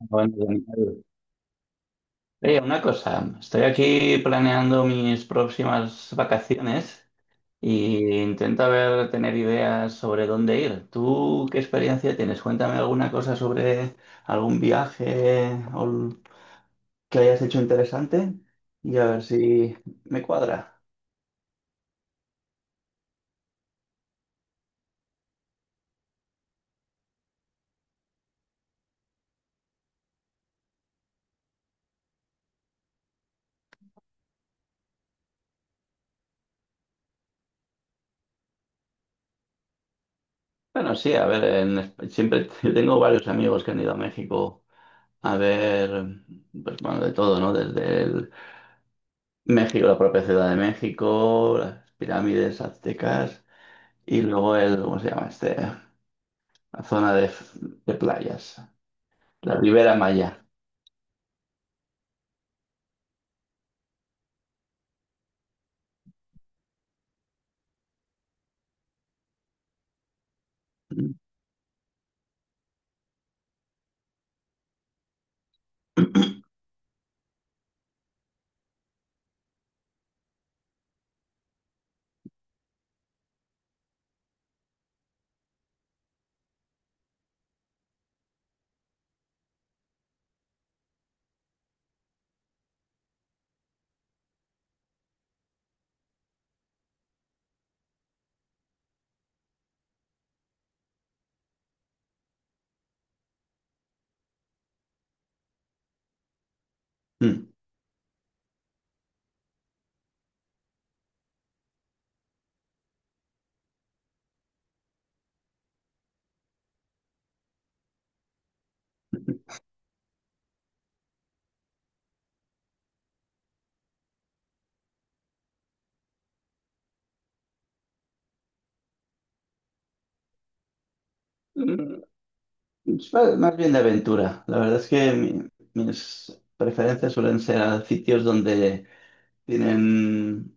Bueno, Daniel, oye, una cosa, estoy aquí planeando mis próximas vacaciones y intento, a ver, tener ideas sobre dónde ir. ¿Tú qué experiencia tienes? Cuéntame alguna cosa sobre algún viaje que hayas hecho interesante y a ver si me cuadra. Bueno, sí, a ver, siempre yo tengo varios amigos que han ido a México, a ver, pues bueno, de todo, ¿no? Desde el México, la propia Ciudad de México, las pirámides aztecas y luego el, ¿cómo se llama este? La zona de playas, la Ribera Maya. Mm. Mm, Es más bien de aventura. La verdad es que mis preferencias suelen ser a sitios donde tienen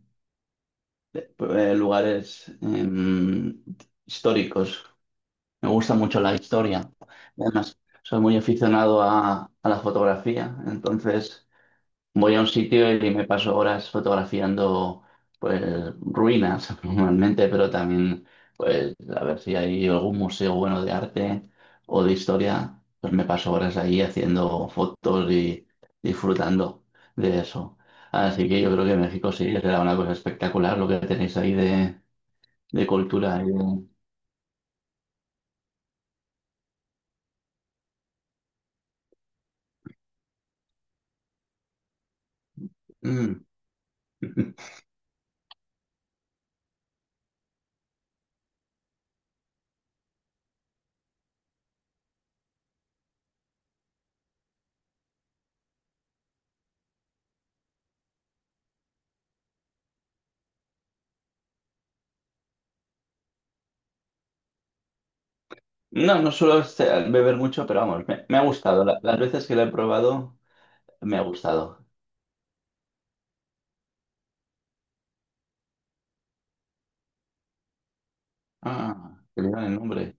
lugares históricos. Me gusta mucho la historia. Además, soy muy aficionado a la fotografía, entonces voy a un sitio y me paso horas fotografiando pues ruinas normalmente, pero también pues a ver si hay algún museo bueno de arte o de historia, pues me paso horas ahí haciendo fotos y disfrutando de eso. Así que yo creo que México sí será una cosa espectacular lo que tenéis ahí de cultura. Mm. No, no suelo beber mucho, pero vamos, me ha gustado. Las veces que lo he probado, me ha gustado. Ah, que le dan el nombre.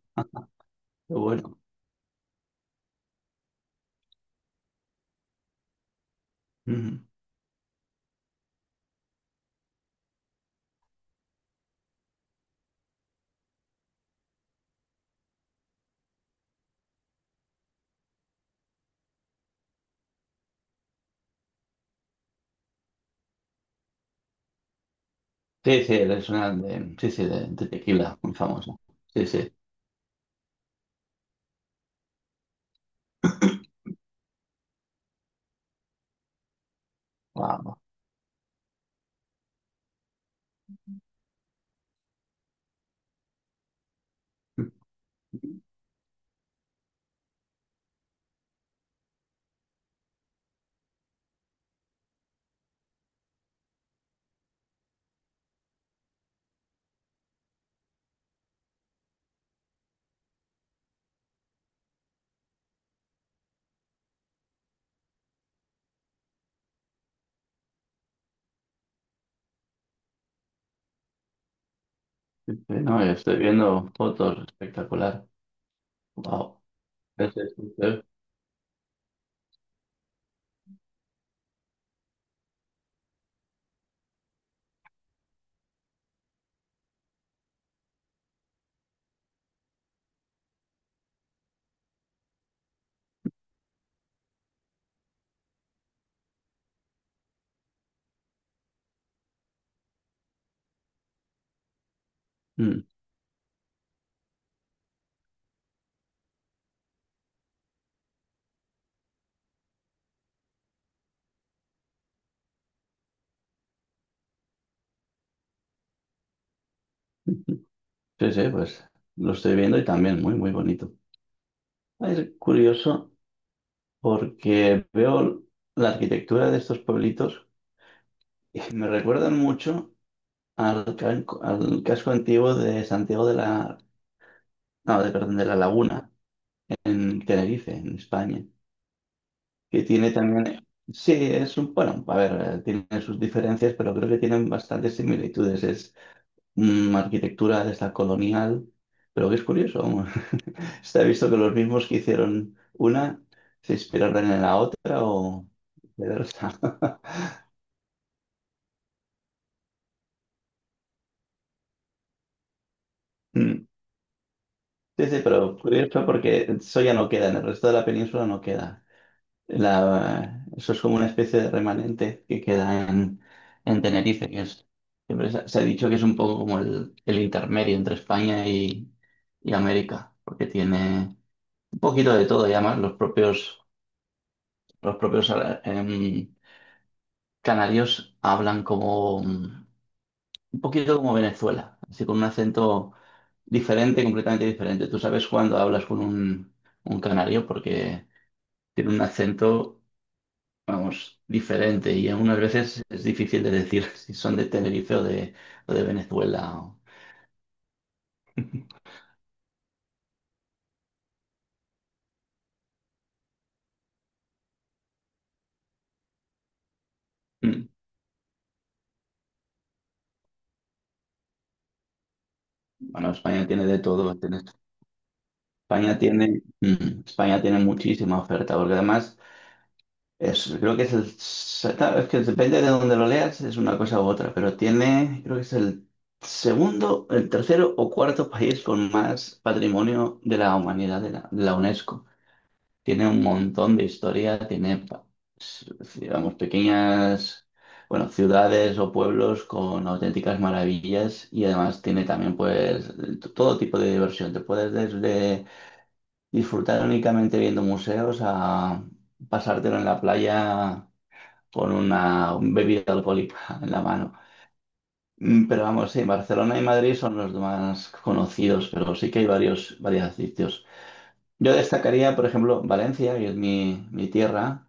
Qué bueno. Ujú. Sí, sí, es una de, sí, sí, de tequila, muy famosa. Sí, sí. Wow. No, yo estoy viendo fotos, espectacular. Wow. Sí, sí, sí, sí. Mm. Sí, sí, pues lo estoy viendo y también muy, muy bonito. Es curioso porque veo la arquitectura de estos pueblitos y me recuerdan mucho al casco antiguo de Santiago de la, no, de, perdón, de la Laguna, en Tenerife, en España, que tiene también, sí, es un, bueno, a ver, tiene sus diferencias, pero creo que tienen bastantes similitudes. Es arquitectura de esta colonial, pero que es curioso, se ha visto que los mismos que hicieron una se inspiraron en la otra o viceversa. Mm. Sí, sí, pero curioso porque eso ya no queda, en el resto de la península no queda. La, eso es como una especie de remanente que queda en Tenerife, que es, siempre se ha dicho que es un poco como el intermedio entre España y América, porque tiene un poquito de todo, y además los propios em, canarios hablan como un poquito como Venezuela, así con un acento diferente, completamente diferente. Tú sabes cuando hablas con un canario porque tiene un acento, vamos, diferente, y algunas veces es difícil de decir si son de Tenerife o de Venezuela. Mm, Bueno, España tiene de todo. España tiene, España tiene muchísima oferta, porque además es, creo que es claro, es que depende de donde lo leas, es una cosa u otra, pero tiene, creo que es el segundo, el tercero o cuarto país con más patrimonio de la humanidad de la UNESCO. Tiene un montón de historia, tiene, s- digamos, pequeñas, bueno, ciudades o pueblos con auténticas maravillas y además tiene también, pues, todo tipo de diversión. Te puedes desde disfrutar únicamente viendo museos a pasártelo en la playa con una bebida alcohólica en la mano. Pero vamos, sí, Barcelona y Madrid son los más conocidos, pero sí que hay varios, varios sitios. Yo destacaría, por ejemplo, Valencia, que es mi tierra,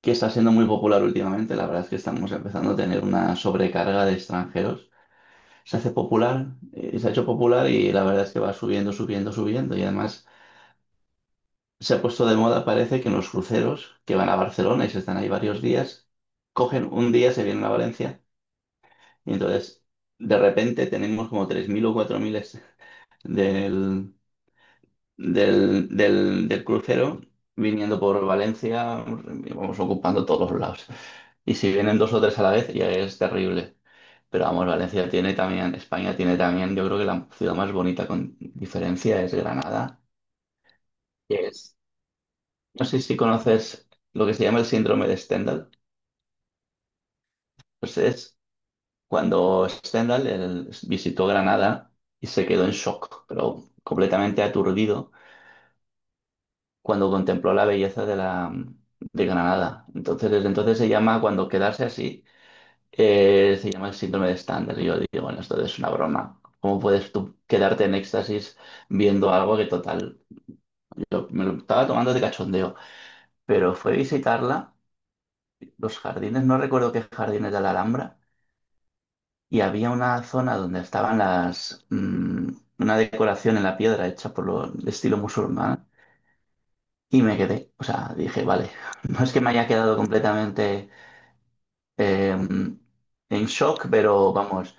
que está siendo muy popular últimamente. La verdad es que estamos empezando a tener una sobrecarga de extranjeros. Se hace popular, se ha hecho popular y la verdad es que va subiendo, subiendo, subiendo. Y además se ha puesto de moda, parece que en los cruceros que van a Barcelona y se están ahí varios días, cogen un día, se vienen a Valencia y entonces de repente tenemos como 3.000 o 4.000 del, del crucero viniendo por Valencia, vamos ocupando todos los lados. Y si vienen dos o tres a la vez, ya es terrible. Pero vamos, Valencia tiene también, España tiene también, yo creo que la ciudad más bonita con diferencia es Granada, que es, no sé si conoces lo que se llama el síndrome de Stendhal. Pues es cuando Stendhal él visitó Granada y se quedó en shock, pero completamente aturdido cuando contempló la belleza de la de Granada. Entonces, desde entonces se llama, cuando quedarse así, se llama el síndrome de Stander. Y yo digo, bueno, esto es una broma. ¿Cómo puedes tú quedarte en éxtasis viendo algo que total, yo me lo estaba tomando de cachondeo? Pero fue visitarla, los jardines, no recuerdo qué jardines de la Alhambra, y había una zona donde estaban las, una decoración en la piedra hecha por lo de estilo musulmán, y me quedé, o sea, dije, vale, no es que me haya quedado completamente eh, en shock, pero vamos,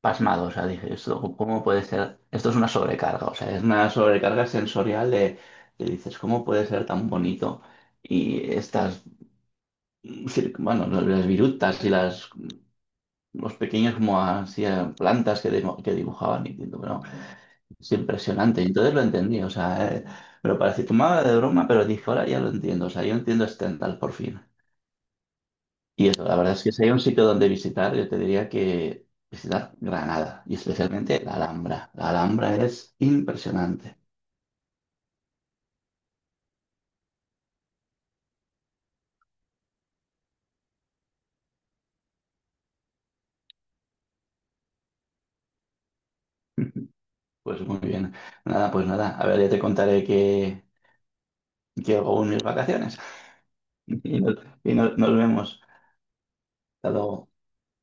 pasmado. O sea, dije, ¿esto cómo puede ser? Esto es una sobrecarga, o sea, es una sobrecarga sensorial de, que dices, ¿cómo puede ser tan bonito? Y estas, bueno, no, las virutas y las, los pequeños como así, plantas que, que dibujaban, y diciendo, bueno, es impresionante. Y entonces lo entendí, o sea, me lo parecía tomaba de broma, pero dije, ahora ya lo entiendo, o sea, yo entiendo Stendhal por fin. Y eso, la verdad es que si hay un sitio donde visitar, yo te diría que visitar Granada y especialmente la Alhambra. La Alhambra es impresionante. Pues muy bien. Nada, pues nada. A ver, ya te contaré qué, qué hago en mis vacaciones. Y nos, y nos vemos. Hasta luego.